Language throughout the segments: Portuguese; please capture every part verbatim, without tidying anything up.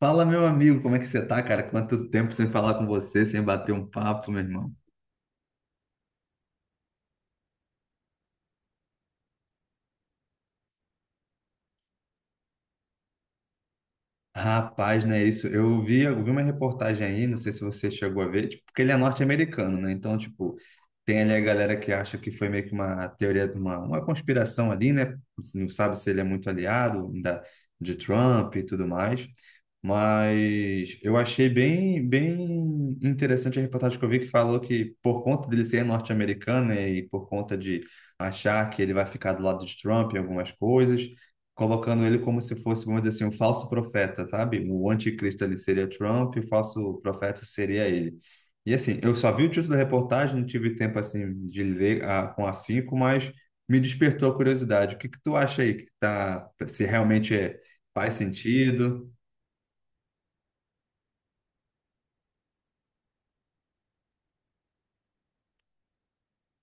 Fala, meu amigo, como é que você tá, cara? Quanto tempo sem falar com você, sem bater um papo, meu irmão? Rapaz, né? Isso. Eu vi, eu vi uma reportagem aí, não sei se você chegou a ver, tipo, porque ele é norte-americano, né? Então, tipo, tem ali a galera que acha que foi meio que uma teoria, uma, uma conspiração ali, né? Não sabe se ele é muito aliado da, de Trump e tudo mais. Mas eu achei bem, bem interessante a reportagem que eu vi que falou que por conta dele ser norte-americano, né, e por conta de achar que ele vai ficar do lado de Trump em algumas coisas, colocando ele como se fosse, vamos dizer assim, um falso profeta, sabe? O anticristo ali seria Trump, o falso profeta seria ele. E assim, eu só vi o título da reportagem, não tive tempo assim de ler a, com afinco, mas me despertou a curiosidade. O que que tu acha aí que tá, se realmente é- faz sentido?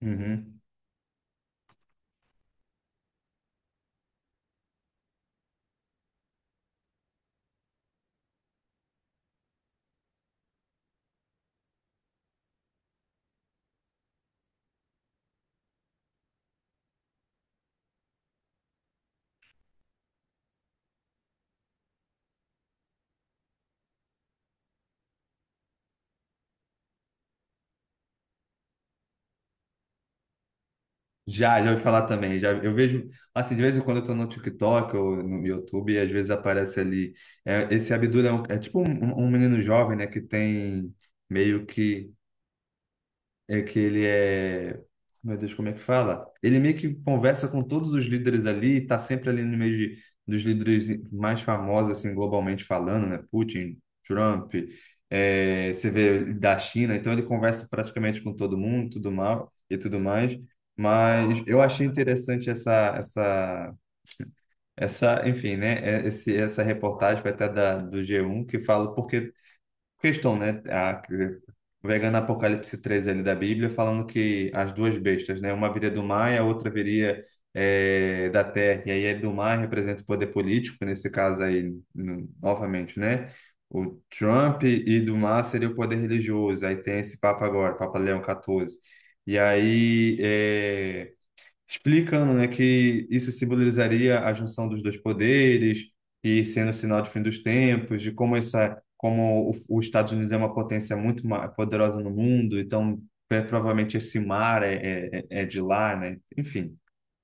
Uhum. Já, já ouvi falar também. Já, eu vejo, assim, de vez em quando eu tô no TikTok ou no YouTube e às vezes aparece ali, é, esse Abdul é, um- é tipo um, um menino jovem, né, que tem meio que é que ele é. Meu Deus, como é que fala? Ele meio que conversa com todos os líderes ali, está sempre ali no meio de, dos líderes mais famosos, assim, globalmente falando, né? Putin, Trump, é, você vê da China, então ele conversa praticamente com todo mundo, tudo mal e tudo mais. Mas eu achei interessante essa, essa, essa, enfim, né? é- Esse, essa reportagem foi até da, do G um que fala porque questão, né? A, Vega no Apocalipse treze ali da Bíblia, falando que as duas bestas, né? Uma viria do mar e a outra viria eh, da terra. E aí a do mar representa o poder político, nesse caso aí, no- novamente, né? O Trump e do mar seria o poder religioso. Aí tem esse Papa agora, Papa Leão catorze. E aí é, explicando, né, que isso simbolizaria a junção dos dois poderes e sendo sinal de fim dos tempos, de como essa, como o- os Estados Unidos é uma potência muito ma- poderosa no mundo, então é, provavelmente esse mar é, é, é de lá, né? Enfim.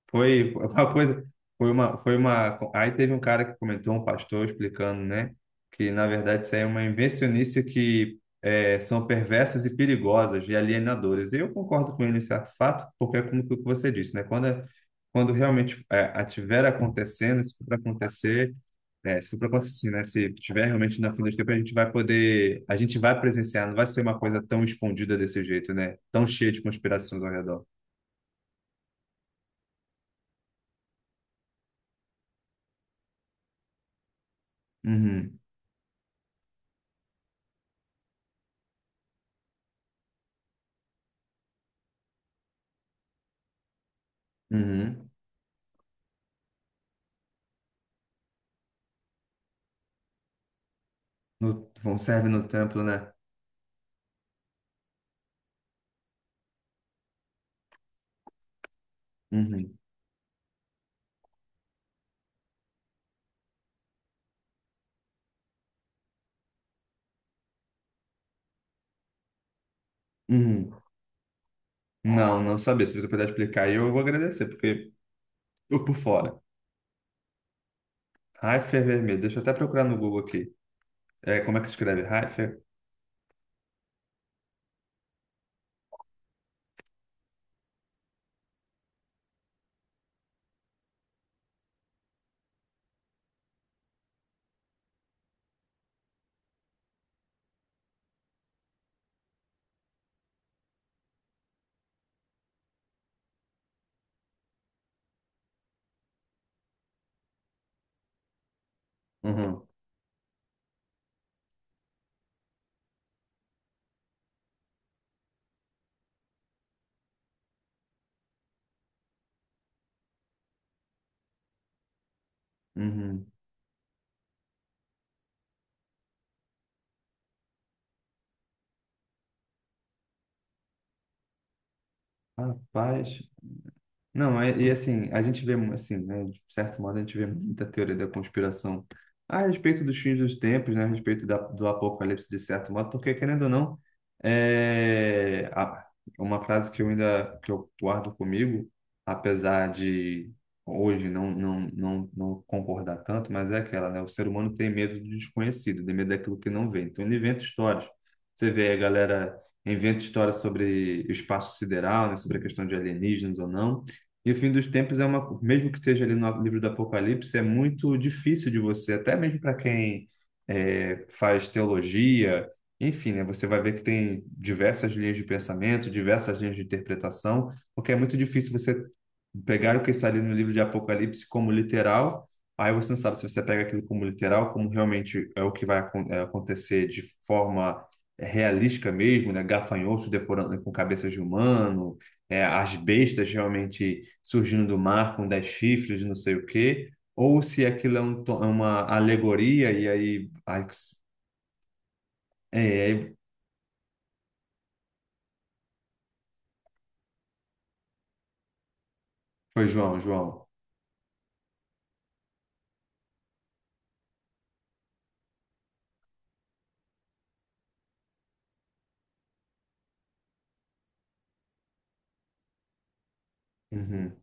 Foi uma coisa, foi uma, foi uma. Aí teve um cara que comentou, um pastor explicando, né, que na verdade isso aí é uma invencionice que é, são perversas e perigosas e alienadoras. E eu concordo com ele em certo fato, porque é como o que você disse, né? Quando, é- quando realmente é, estiver acontecendo, se for para acontecer, é, se for para acontecer, sim, né? Se tiver realmente na fim dos tempos, a gente vai poder, a gente vai presenciar, não vai ser uma coisa tão escondida desse jeito, né? Tão cheia de conspirações ao redor. Uhum, uhum. No, vão serve no templo, né? Uhum. Uhum. Não, não sabia. Se você puder explicar, aí eu vou agradecer, porque eu por fora. Haifa vermelho. Deixa eu até procurar no Google aqui. É, como é que escreve? Haifa? Uhum. Uhum. Rapaz. Não, é- E assim, a gente vê, assim, né, de certo modo, a gente vê muita teoria da conspiração a respeito dos fins dos tempos, né, a respeito da, do apocalipse, de certo modo, porque, querendo ou não, é a- uma frase que eu ainda que eu guardo comigo, apesar de hoje não, não, não, não concordar tanto, mas é aquela, né, o ser humano tem medo do desconhecido, tem medo daquilo que não vê. Então, ele inventa histórias. Você vê a galera inventa histórias sobre o espaço sideral, né, sobre a questão de alienígenas ou não. E o fim dos tempos é uma, mesmo que esteja ali no livro do Apocalipse, é muito difícil de você, até mesmo para quem é, faz teologia, enfim, né, você vai ver que tem diversas linhas de pensamento, diversas linhas de interpretação, porque é muito difícil você pegar o que está ali no livro de Apocalipse como literal, aí você não sabe se você pega aquilo como literal, como realmente é o que vai acon- é, acontecer de forma realística mesmo, né, gafanhotos deforando com cabeças de humano, é, as bestas realmente surgindo do mar com dez chifres, não sei o quê, ou se aquilo é, um to- é uma alegoria e aí, aí- é, aí foi João, João. Uhum.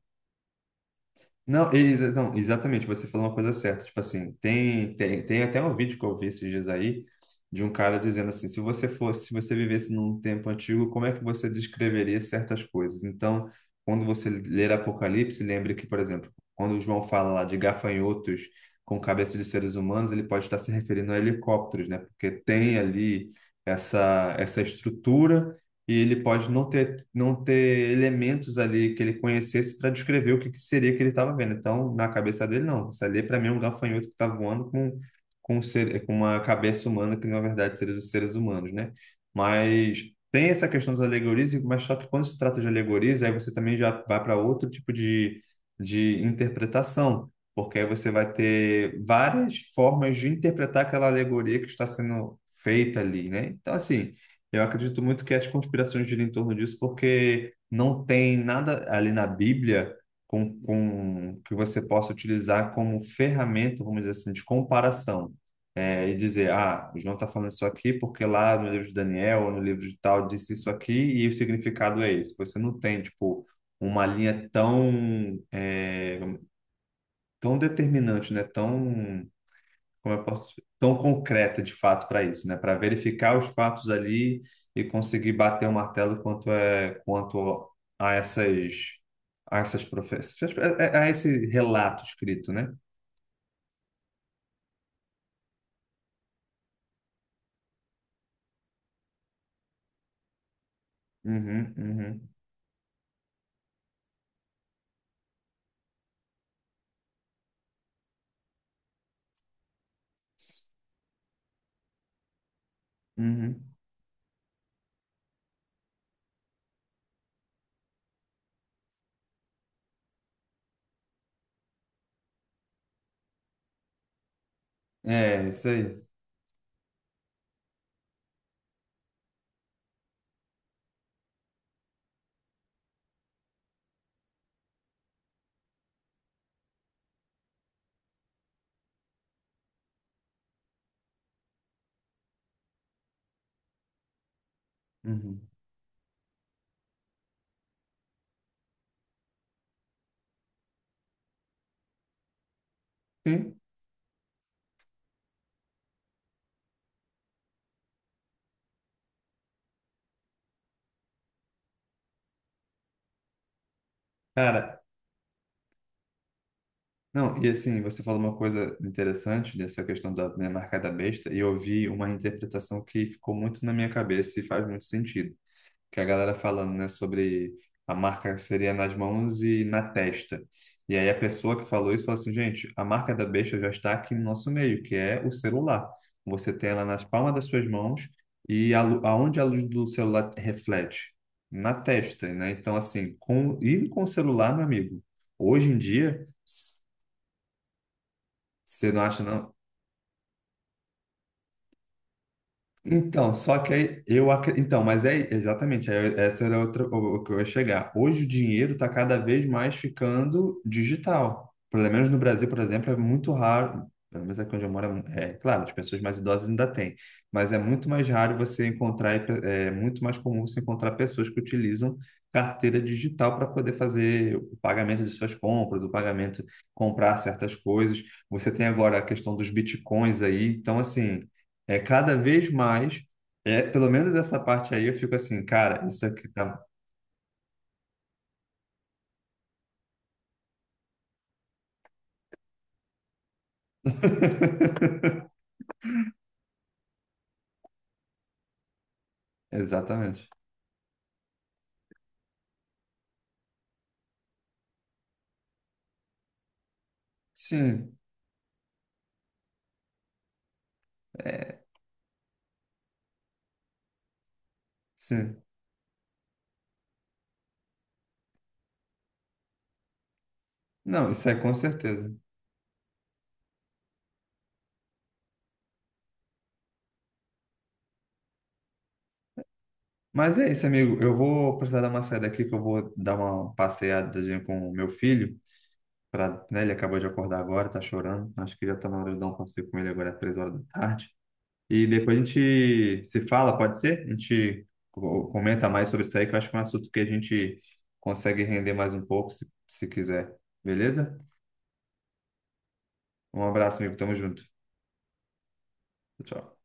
Não, e- não, exatamente, você falou uma coisa certa. Tipo assim, tem, tem, tem até um vídeo que eu vi esses dias aí, de um cara dizendo assim: se você fosse, se você vivesse num tempo antigo, como é que você descreveria certas coisas? Então, quando você ler Apocalipse, lembre que, por exemplo, quando o João fala lá de gafanhotos com cabeça de seres humanos, ele pode estar se referindo a helicópteros, né? Porque tem ali essa, essa estrutura e ele pode não ter, não ter elementos ali que ele conhecesse para descrever o que, que seria que ele estava vendo. Então, na cabeça dele, não. Isso ali, para mim, é um gafanhoto que está voando com, com, um ser, com uma cabeça humana, que na verdade seriam os seres humanos, né? Mas tem essa questão das alegorias, mas só que quando se trata de alegorias, aí você também já vai para outro tipo de, de interpretação. Porque aí você vai ter várias formas de interpretar aquela alegoria que está sendo feita ali, né? Então, assim, eu acredito muito que as conspirações giram em torno disso, porque não tem nada ali na Bíblia com, com que você possa utilizar como ferramenta, vamos dizer assim, de comparação. É, e dizer, ah, o João está falando isso aqui porque lá no livro de Daniel ou no livro de tal disse isso aqui e o significado é esse. Você não tem, tipo, uma linha tão, é, tão determinante, né? Tão como eu posso, tão concreta de fato para isso, né? Para verificar os fatos ali e conseguir bater o martelo quanto é quanto a essas a essas profecias, a, a- a esse relato escrito, né? Uhum, uhum, uhum. É, isso aí. Uhum. Sim, cara. Não, e assim, você falou uma coisa interessante dessa questão da né, marca da besta, e eu vi uma interpretação que ficou muito na minha cabeça e faz muito sentido que a galera falando, né, sobre a marca seria nas mãos e na testa. E aí a pessoa que falou isso falou assim, gente, a marca da besta já está aqui no nosso meio, que é o celular. Você tem ela nas palmas das suas mãos e a, lu- aonde a luz do celular reflete? Na testa, né? Então, assim, com, e com o celular, meu amigo, hoje em dia, você não acha, não? Então, só que aí eu acre- então, mas é exatamente, aí eu- essa era outra o o que eu ia chegar. Hoje o dinheiro está cada vez mais ficando digital. Pelo menos no Brasil, por exemplo, é muito raro, pelo menos aqui onde eu moro, é, mu- é, claro, as pessoas mais idosas ainda têm, mas é muito mais raro você encontrar, e pe- é muito mais comum você encontrar pessoas que utilizam carteira digital para poder fazer o pagamento de suas compras, o pagamento, comprar certas coisas. Você tem agora a questão dos bitcoins aí, então assim, é cada vez mais, é, pelo menos essa parte aí eu fico assim, cara, isso aqui tá. Exatamente. Sim, é, sim. Não, isso é com certeza. Mas é isso, amigo. Eu vou precisar dar uma saída aqui, que eu vou dar uma passeadazinha com o meu filho. Pra, né, ele acabou de acordar agora, tá chorando. Acho que já tá na hora de dar um passeio com ele agora, às três horas da tarde. E depois a gente se fala, pode ser? A gente co- comenta mais sobre isso aí, que eu acho que é um assunto que a gente consegue render mais um pouco, se, se quiser. Beleza? Um abraço, amigo. Tamo junto. Tchau.